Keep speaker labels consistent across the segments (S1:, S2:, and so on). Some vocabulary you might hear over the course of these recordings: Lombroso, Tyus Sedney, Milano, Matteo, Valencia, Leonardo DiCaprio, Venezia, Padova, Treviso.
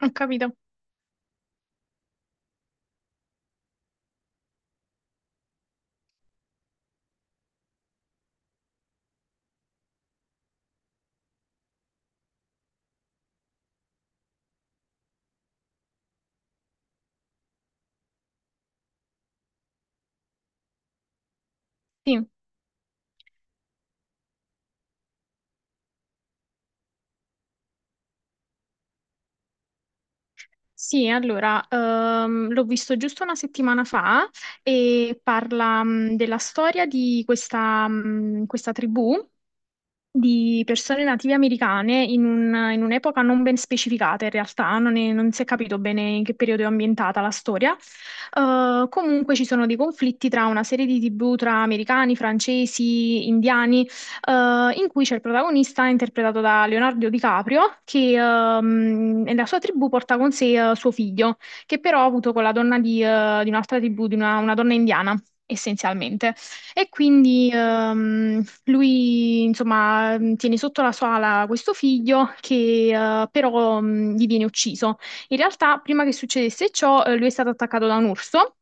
S1: Ho capito. Sì, Sì, allora, l'ho visto giusto una settimana fa e parla, della storia di questa tribù di persone native americane in in un'epoca non ben specificata, in realtà non si è capito bene in che periodo è ambientata la storia. Comunque ci sono dei conflitti tra una serie di tribù tra americani, francesi, indiani, eh, in cui c'è il protagonista interpretato da Leonardo DiCaprio che nella sua tribù porta con sé suo figlio, che però ha avuto con la donna di un'altra tribù, di una donna indiana, essenzialmente. E quindi lui, insomma, tiene sotto la sua ala questo figlio che però gli viene ucciso. In realtà, prima che succedesse ciò, lui è stato attaccato da un urso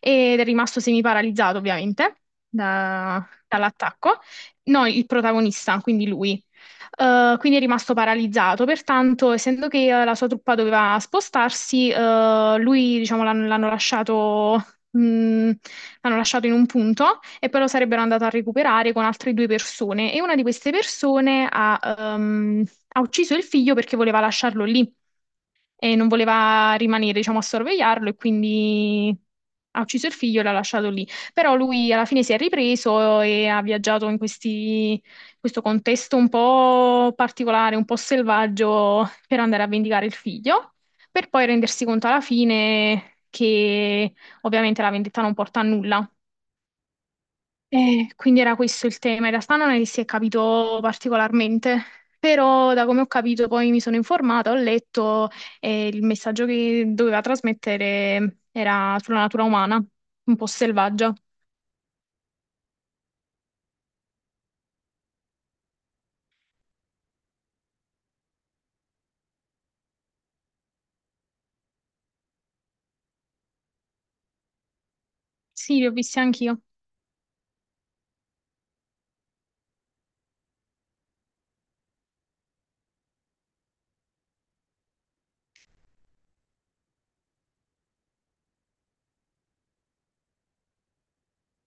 S1: ed è rimasto semiparalizzato ovviamente dall'attacco. No, il protagonista, quindi lui. Quindi è rimasto paralizzato, pertanto, essendo che la sua truppa doveva spostarsi, lui, diciamo, l'hanno lasciato, mh, l'hanno lasciato in un punto e poi lo sarebbero andato a recuperare con altre due persone. E una di queste persone ehm, ha ucciso il figlio perché voleva lasciarlo lì e non voleva rimanere, diciamo, a sorvegliarlo e quindi ha ucciso il figlio e l'ha lasciato lì. Però lui alla fine si è ripreso e ha viaggiato in in questo contesto un po' particolare, un po' selvaggio per andare a vendicare il figlio, per poi rendersi conto alla fine che ovviamente la vendetta non porta a nulla. Quindi era questo il tema. In realtà non è che si è capito particolarmente, però da come ho capito poi mi sono informata, ho letto e il messaggio che doveva trasmettere era sulla natura umana, un po' selvaggia. Sì, li ho visti anch'io.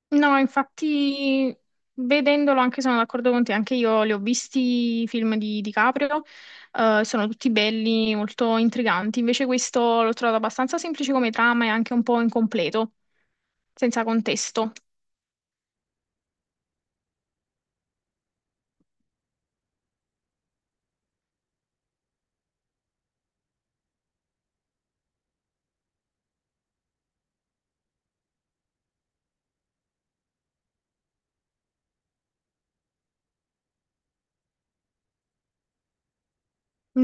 S1: No, infatti, vedendolo anche sono d'accordo con te, anche io li ho visti i film di DiCaprio, sono tutti belli, molto intriganti. Invece questo l'ho trovato abbastanza semplice come trama e anche un po' incompleto, senza contesto.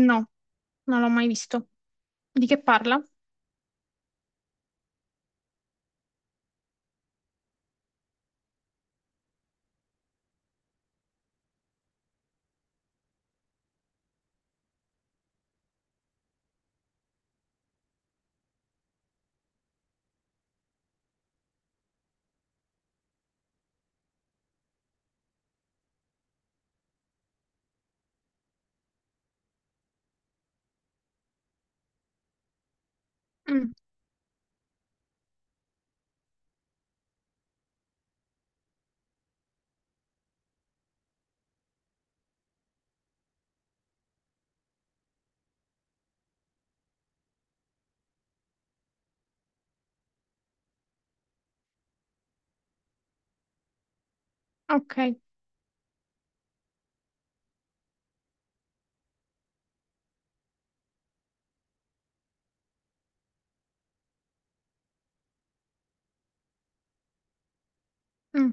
S1: No, non l'ho mai visto. Di che parla? Mm, ok. Mm,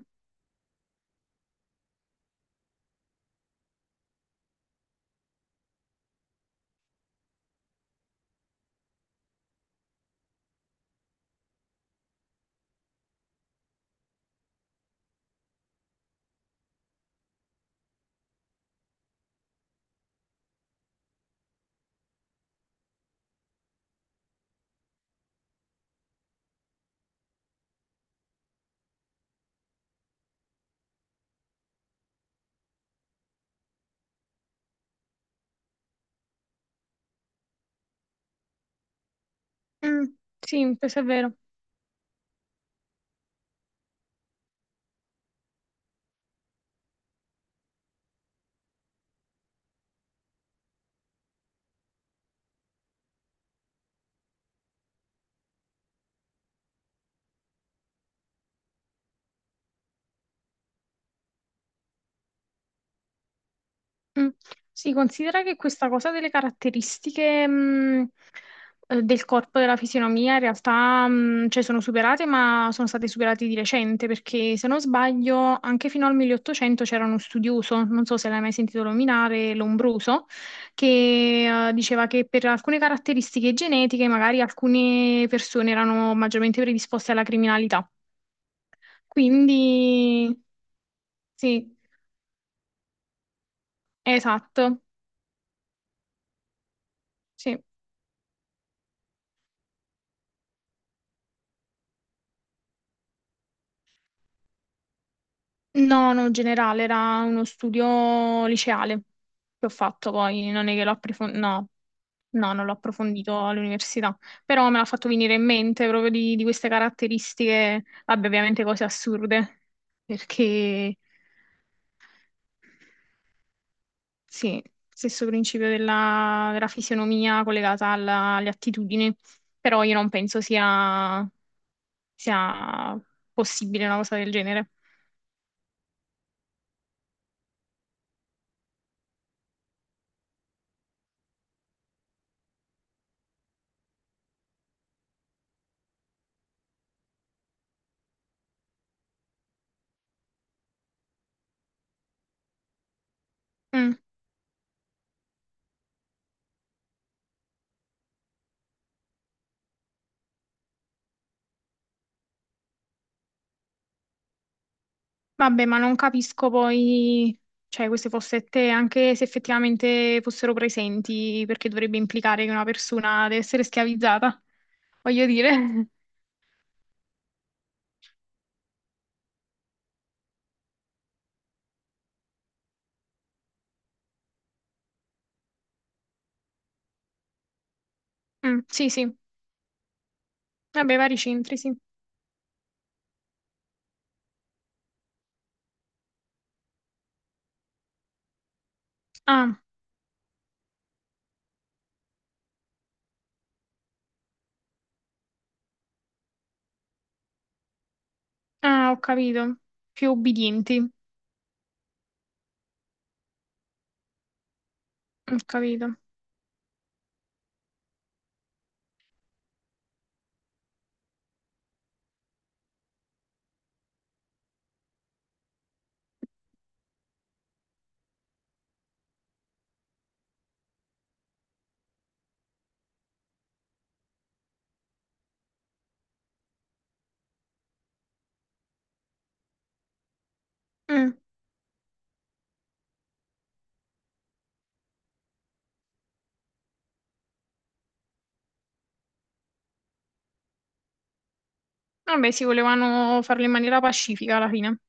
S1: mm, sì, questo è vero. Mm. Si considera che questa cosa delle caratteristiche del corpo, della fisionomia, in realtà cioè sono superate, ma sono state superate di recente, perché se non sbaglio, anche fino al 1800 c'era uno studioso, non so se l'hai mai sentito nominare, Lombroso, che diceva che per alcune caratteristiche genetiche magari alcune persone erano maggiormente predisposte alla criminalità. Quindi sì, esatto. Sì. No, no, generale, era uno studio liceale che ho fatto poi, non è che l'ho approfondito, no, no, non l'ho approfondito all'università, però me l'ha fatto venire in mente proprio di queste caratteristiche, vabbè, ovviamente cose assurde, perché sì, stesso principio della, della fisionomia collegata alle attitudini, però io non penso sia possibile una cosa del genere. Mm. Vabbè, ma non capisco poi, cioè, queste fossette, anche se effettivamente fossero presenti, perché dovrebbe implicare che una persona deve essere schiavizzata, voglio dire. Mm, sì, sì, vabbè, vari centri, sì. Ah, ah, ho capito. Più ubbidienti, ho capito. Mm, vabbè, sì, volevano farlo in maniera pacifica alla fine.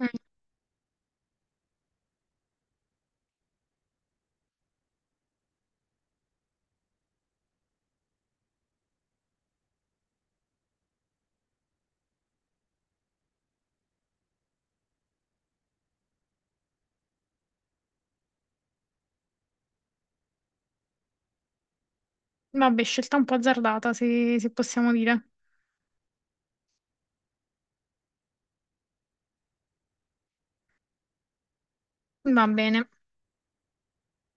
S1: Mm, vabbè, scelta un po' azzardata, se possiamo dire. Va bene.